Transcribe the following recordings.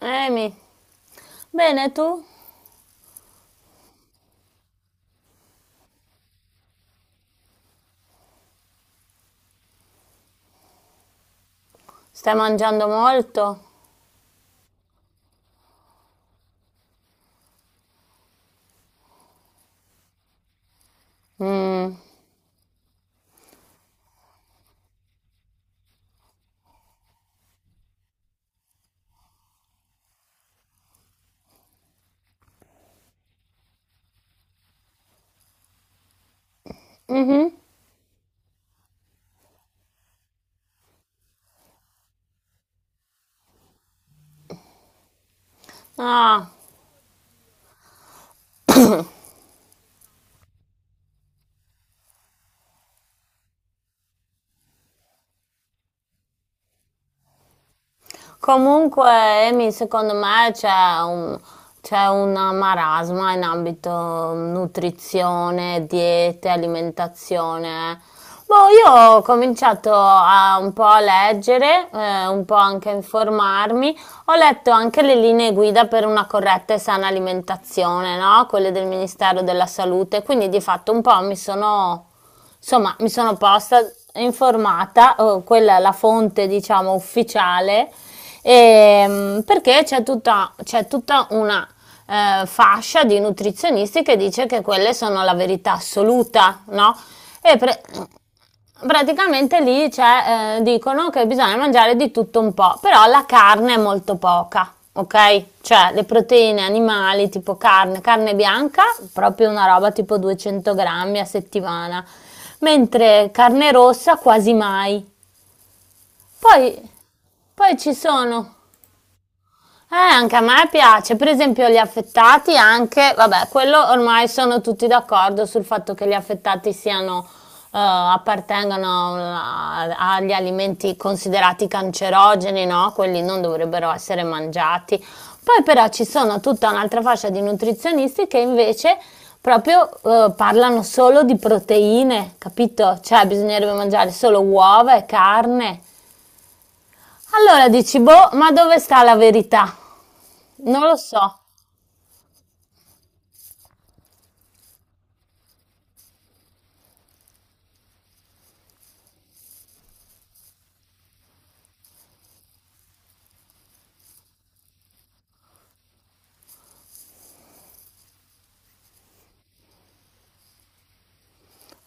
Amy, bene tu? Stai mangiando molto? Mm. Ah, Comunque, Amy, secondo me un, c'è una marasma in ambito nutrizione, diete, alimentazione. Boh, io ho cominciato a, un po' a leggere, un po' anche a informarmi. Ho letto anche le linee guida per una corretta e sana alimentazione, no? Quelle del Ministero della Salute. Quindi di fatto un po' mi sono insomma, mi sono posta informata, quella è la fonte, diciamo, ufficiale, perché c'è tutta una fascia di nutrizionisti che dice che quelle sono la verità assoluta, no? E pre- Praticamente lì c'è, dicono che bisogna mangiare di tutto un po', però la carne è molto poca, ok? Cioè le proteine animali tipo carne, carne bianca, proprio una roba tipo 200 grammi a settimana, mentre carne rossa quasi mai. Poi, poi ci sono anche a me piace, per esempio gli affettati anche, vabbè, quello ormai sono tutti d'accordo sul fatto che gli affettati siano, appartengano agli alimenti considerati cancerogeni, no? Quelli non dovrebbero essere mangiati. Poi però ci sono tutta un'altra fascia di nutrizionisti che invece proprio parlano solo di proteine, capito? Cioè bisognerebbe mangiare solo uova e carne. Allora dici, boh, ma dove sta la verità? Non lo so.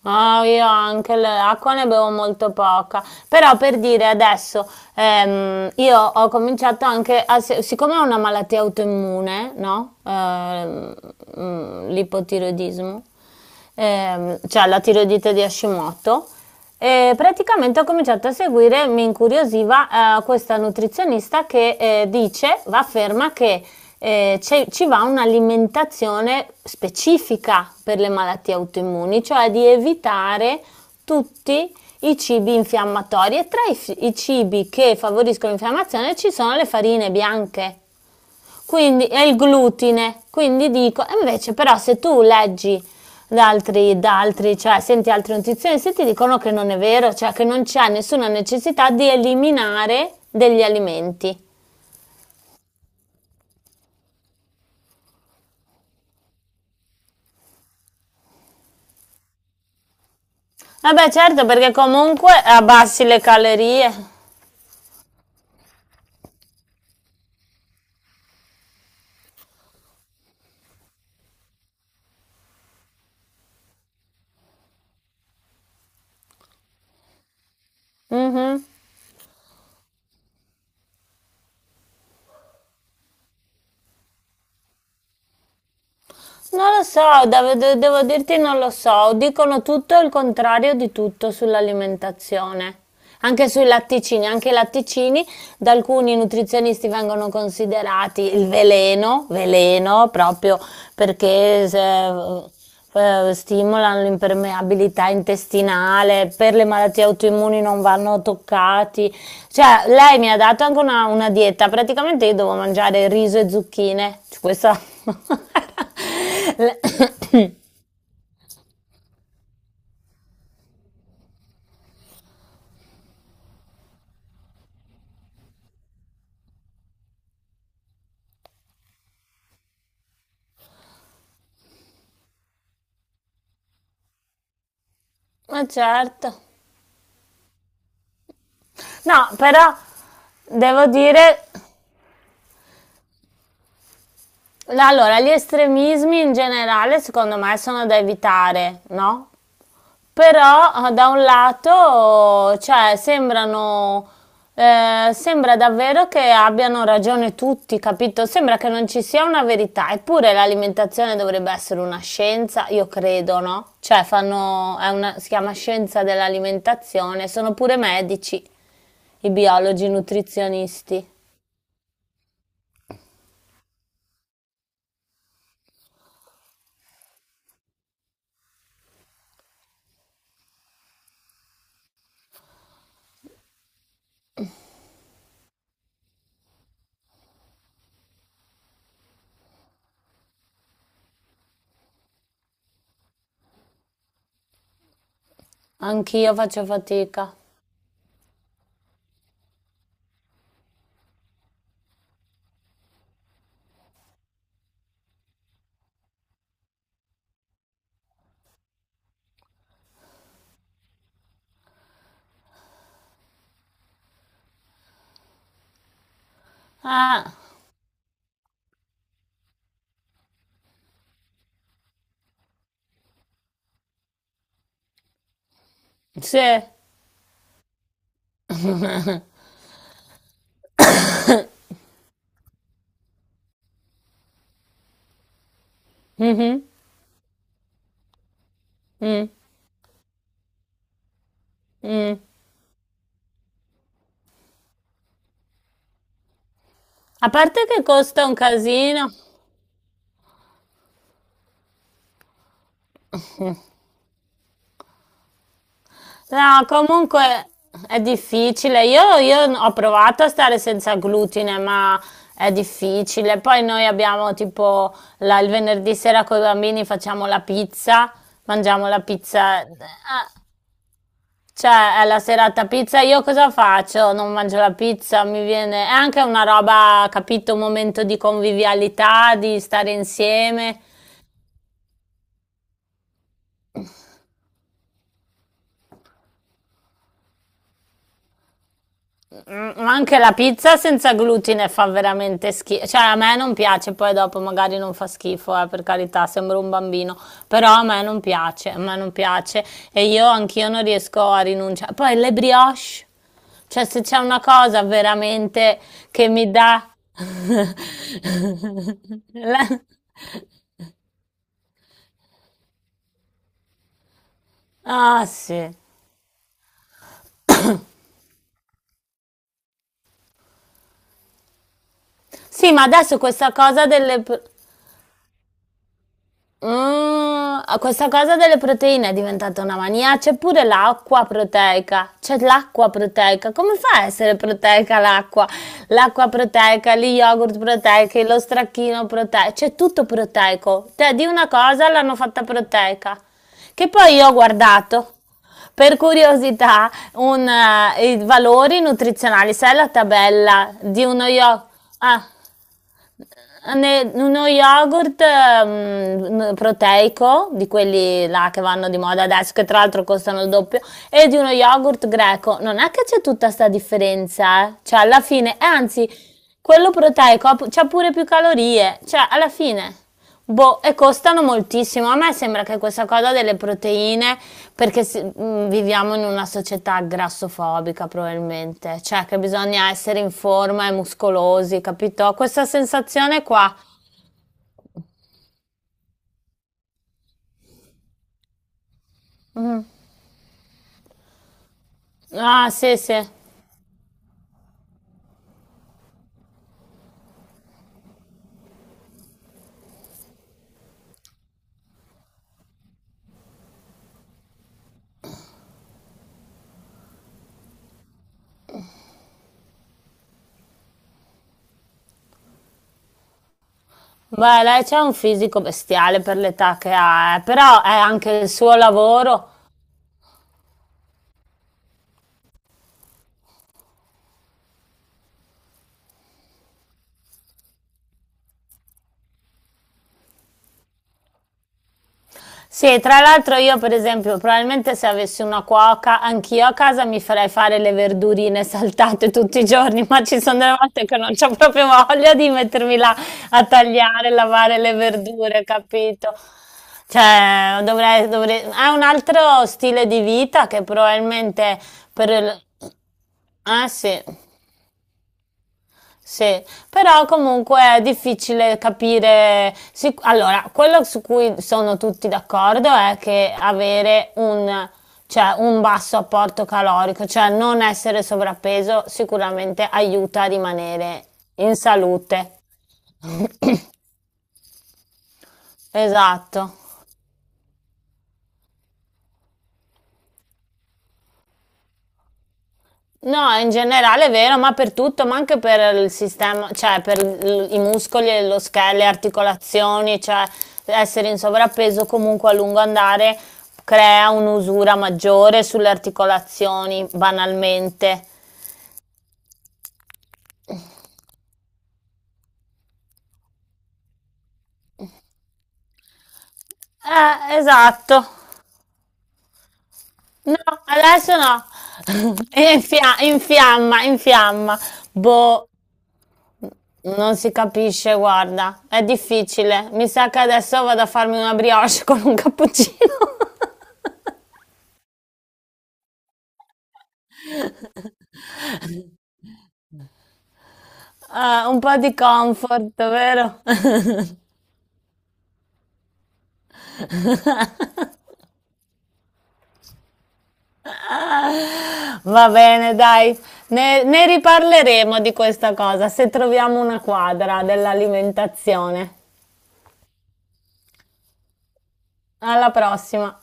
Ah, io anche l'acqua ne bevo molto poca, però per dire adesso, io ho cominciato anche a, siccome è una malattia autoimmune, no? L'ipotiroidismo, cioè la tiroidite di Hashimoto. E praticamente ho cominciato a seguire, mi incuriosiva questa nutrizionista che dice, afferma che ci va un'alimentazione specifica per le malattie autoimmuni, cioè di evitare tutti i cibi infiammatori e tra i cibi che favoriscono l'infiammazione ci sono le farine bianche. Quindi è il glutine. Quindi dico, e invece però se tu leggi da altri, cioè senti altri nutrizionisti, ti dicono che non è vero, cioè che non c'è nessuna necessità di eliminare degli alimenti. Vabbè certo perché comunque abbassi le calorie. Mhm. Non lo so, devo dirti non lo so, dicono tutto il contrario di tutto sull'alimentazione, anche sui latticini, anche i latticini da alcuni nutrizionisti vengono considerati il veleno, veleno proprio perché stimolano l'impermeabilità intestinale, per le malattie autoimmuni non vanno toccati, cioè lei mi ha dato anche una dieta, praticamente io devo mangiare riso e zucchine, cioè, questa... Ma certo. No, però devo dire, allora, gli estremismi in generale secondo me sono da evitare, no? Però da un lato, cioè, sembrano, sembra davvero che abbiano ragione tutti, capito? Sembra che non ci sia una verità, eppure l'alimentazione dovrebbe essere una scienza, io credo, no? Cioè, fanno, è si chiama scienza dell'alimentazione, sono pure medici. I biologi, i nutrizionisti. Anch'io faccio fatica. Ah, sì. Mhm, mm, mm. A parte che costa un casino. No, comunque è difficile. Io ho provato a stare senza glutine, ma è difficile. Poi noi abbiamo tipo il venerdì sera con i bambini facciamo la pizza, mangiamo la pizza. Ah, cioè, è la serata pizza, io cosa faccio? Non mangio la pizza, mi viene... È anche una roba, capito, un momento di convivialità, di stare insieme. Ma anche la pizza senza glutine fa veramente schifo. Cioè, a me non piace, poi dopo magari non fa schifo, per carità, sembro un bambino. Però a me non piace, a me non piace. E io anch'io non riesco a rinunciare. Poi le brioche. Cioè, se c'è una cosa veramente che mi dà... La- Ah, sì. Sì, ma adesso questa cosa delle... Ah, questa cosa delle proteine è diventata una mania. C'è pure l'acqua proteica. C'è l'acqua proteica. Come fa a essere proteica l'acqua? L'acqua proteica, gli yogurt proteici, lo stracchino proteico. C'è tutto proteico. Te di una cosa l'hanno fatta proteica. Che poi io ho guardato per curiosità i valori nutrizionali. Sai la tabella di uno yogurt? Ah, uno yogurt proteico, di quelli là che vanno di moda adesso, che tra l'altro costano il doppio, e di uno yogurt greco. Non è che c'è tutta sta differenza, eh. Cioè, alla fine, e anzi, quello proteico c'ha pure più calorie, cioè, alla fine. Boh, e costano moltissimo. A me sembra che questa cosa delle proteine, perché viviamo in una società grassofobica probabilmente, cioè che bisogna essere in forma e muscolosi, capito? Questa sensazione qua. Ah, sì, sì. Beh, lei c'ha un fisico bestiale per l'età che ha, però è anche il suo lavoro. Sì, tra l'altro io per esempio, probabilmente se avessi una cuoca, anch'io a casa mi farei fare le verdurine saltate tutti i giorni, ma ci sono delle volte che non c'ho proprio voglia di mettermi là a tagliare, lavare le verdure, capito? Cioè, dovrei... È un altro stile di vita che probabilmente per il... Ah sì. Sì, però comunque è difficile capire. Allora, quello su cui sono tutti d'accordo è che avere cioè, un basso apporto calorico, cioè non essere sovrappeso, sicuramente aiuta a rimanere in salute. Esatto. No, in generale è vero, ma per tutto, ma anche per il sistema, cioè per i muscoli, lo scheletro, le articolazioni, cioè essere in sovrappeso comunque a lungo andare crea un'usura maggiore sulle articolazioni, banalmente. Esatto. No, adesso no. Infiamma, infiamma. Boh, non si capisce, guarda, è difficile. Mi sa che adesso vado a farmi una brioche con un cappuccino. Ah, un po' di comfort, vero? Va bene, dai, ne riparleremo di questa cosa se troviamo una quadra dell'alimentazione. Alla prossima.